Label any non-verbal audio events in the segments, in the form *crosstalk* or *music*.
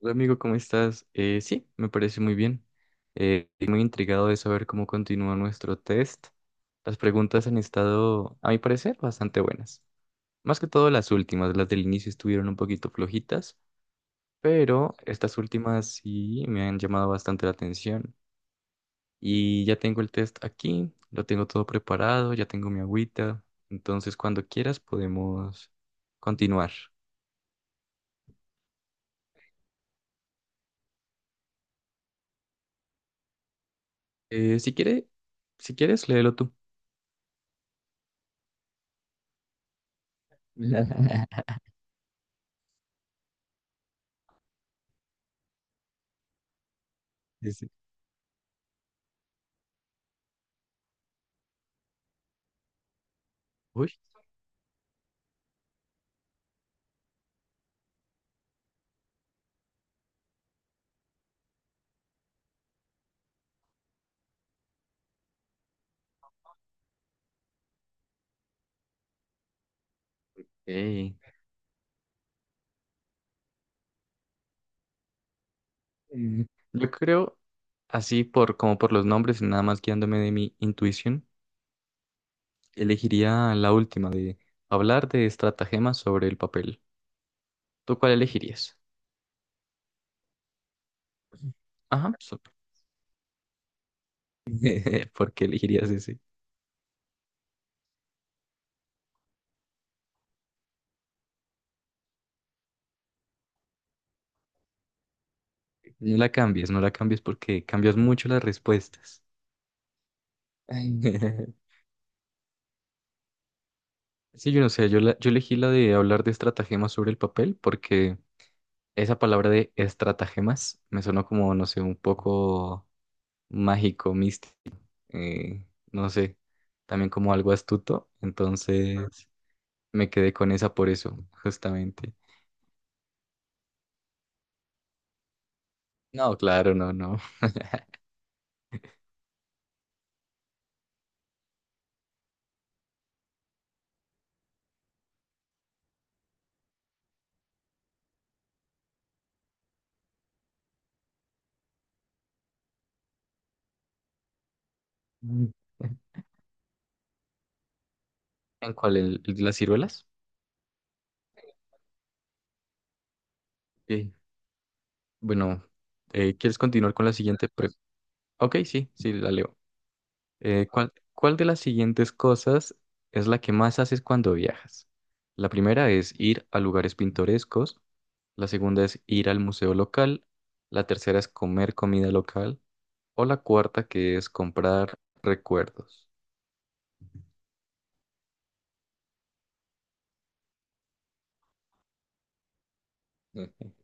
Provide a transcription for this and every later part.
Hola amigo, ¿cómo estás? Sí, me parece muy bien. Estoy muy intrigado de saber cómo continúa nuestro test. Las preguntas han estado, a mi parecer, bastante buenas. Más que todo las últimas, las del inicio estuvieron un poquito flojitas, pero estas últimas sí me han llamado bastante la atención. Y ya tengo el test aquí, lo tengo todo preparado, ya tengo mi agüita. Entonces, cuando quieras podemos continuar. Eh, si quiere, si quieres, léelo tú. *laughs* *laughs* Sí, sí. Uy. Ey, Mm, yo creo, así por los nombres y nada más guiándome de mi intuición, elegiría la última de hablar de estratagemas sobre el papel. ¿Tú cuál elegirías? Ajá, *laughs* ¿por qué elegirías ese? No la cambies, no la cambies porque cambias mucho las respuestas. *laughs* Sí, yo no sé, yo elegí la de hablar de estratagemas sobre el papel porque esa palabra de estratagemas me sonó como, no sé, un poco mágico, místico. eh, no sé, también como algo astuto, entonces me quedé con esa por eso, justamente. No, claro, no, no. Mm. *laughs* ¿En cuál? ¿El de las ciruelas? Ok, bueno, ¿quieres continuar con la siguiente Ok, sí, sí, la leo. ¿Cuál de las siguientes cosas es la que más haces cuando viajas? La primera es ir a lugares pintorescos, la segunda es ir al museo local, la tercera es comer comida local, o la cuarta, que es comprar recuerdos. Ujú.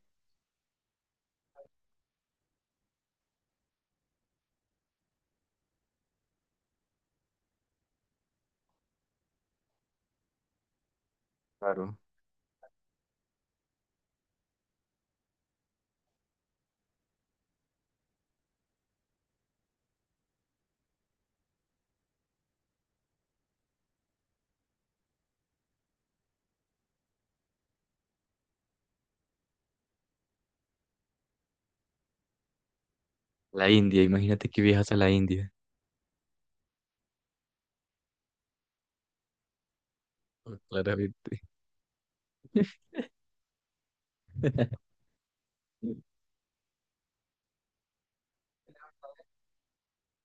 Claro. La India, imagínate que viajas a la India. Pues, claramente. *laughs*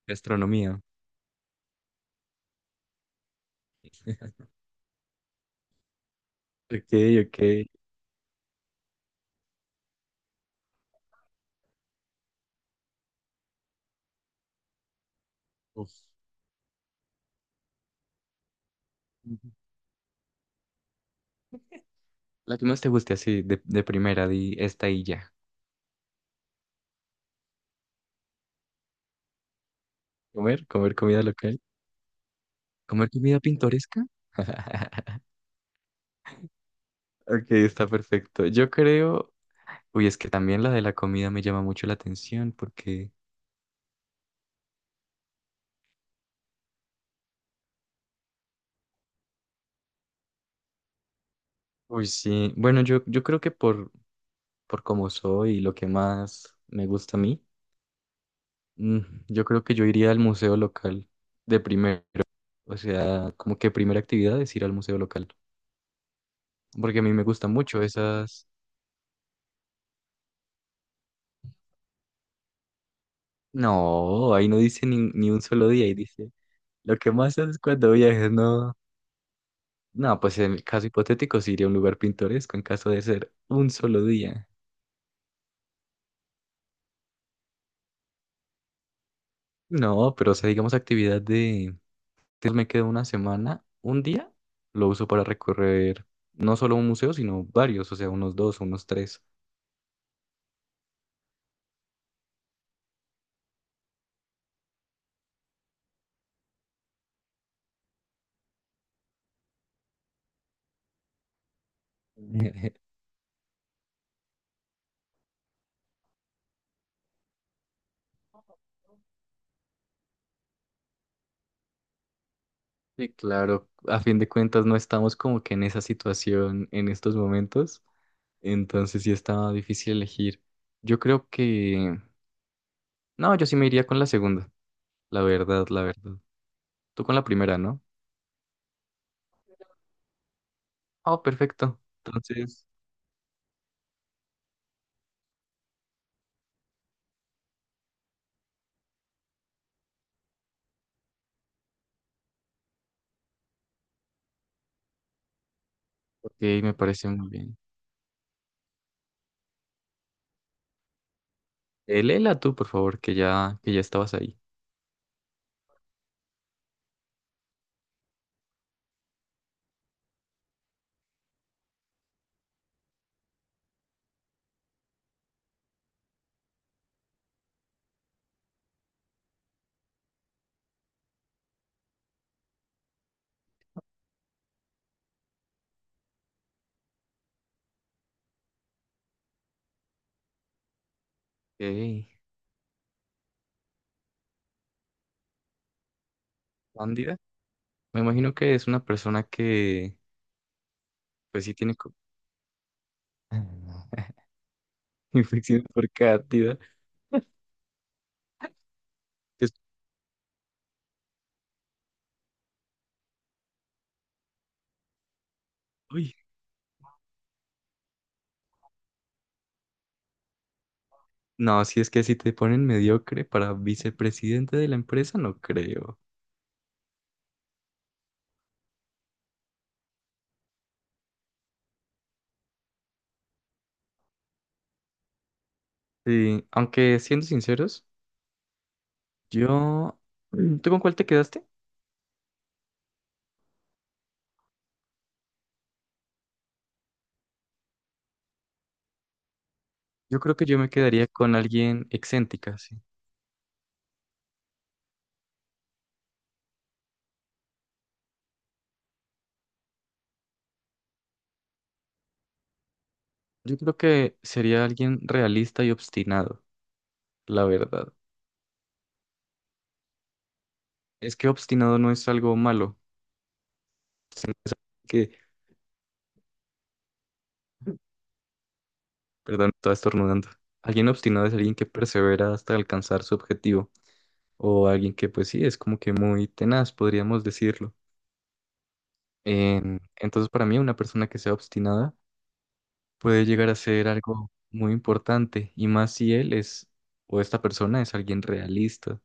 Gastronomía. Ok, ok. Uf. La que más te guste así, de primera, di esta y ya. Comer, comer comida local. Comer comida pintoresca. *laughs* Ok, está perfecto. Yo creo, uy, es que también la de la comida me llama mucho la atención porque, uy, sí, bueno, yo creo que por cómo soy y lo que más me gusta a mí. Mm, yo creo que yo iría al museo local de primero, o sea, como que primera actividad es ir al museo local, porque a mí me gustan mucho esas... No, ahí no dice ni un solo día, ahí dice, lo que más haces cuando viajes, no. No, pues en el caso hipotético sí iría a un lugar pintoresco en caso de ser un solo día. No, pero o sea, digamos actividad de... entonces me quedo una semana, un día, lo uso para recorrer no solo un museo, sino varios, o sea, unos dos, unos tres. Sí, claro, a fin de cuentas no estamos como que en esa situación en estos momentos, entonces sí estaba difícil elegir. Yo creo que... No, yo sí me iría con la segunda, la verdad, la verdad. Tú con la primera, ¿no? Oh, perfecto. Entonces, ok, me parece muy bien. Léela tú, por favor, que ya estabas ahí. Ok, cándida. Me imagino que es una persona que, pues sí tiene... *laughs* Infección por cándida. Es- Uy, no, si es que si te ponen mediocre para vicepresidente de la empresa, no creo. Sí, aunque siendo sinceros, yo... Mm, ¿tú con cuál te quedaste? Yo creo que yo me quedaría con alguien excéntrica, sí. Yo creo que sería alguien realista y obstinado, la verdad. Es que obstinado no es algo malo, sino que, perdón, estaba estornudando. Alguien obstinado es alguien que persevera hasta alcanzar su objetivo, o alguien que pues sí, es como que muy tenaz, podríamos decirlo. Entonces, para mí, una persona que sea obstinada puede llegar a ser algo muy importante, y más si él es, o esta persona es alguien realista,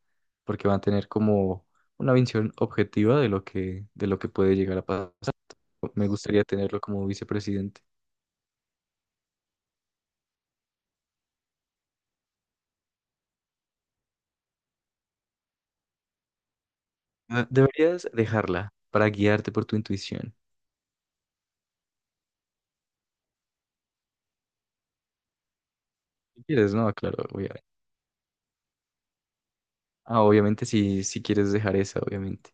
porque va a tener como una visión objetiva de lo que puede llegar a pasar. Me gustaría tenerlo como vicepresidente. Ah, deberías dejarla para guiarte por tu intuición. Si quieres, no, claro, obviamente. Ah, obviamente si quieres dejar esa, obviamente.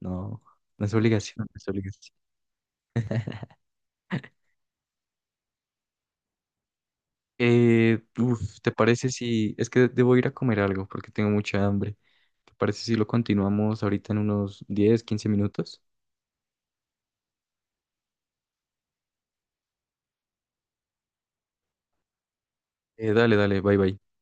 No, no es obligación, no es obligación. *laughs* Uf, ¿te parece si... Es que debo ir a comer algo porque tengo mucha hambre. ¿Te parece si lo continuamos ahorita en unos 10 15 minutos? Dale, dale, bye bye.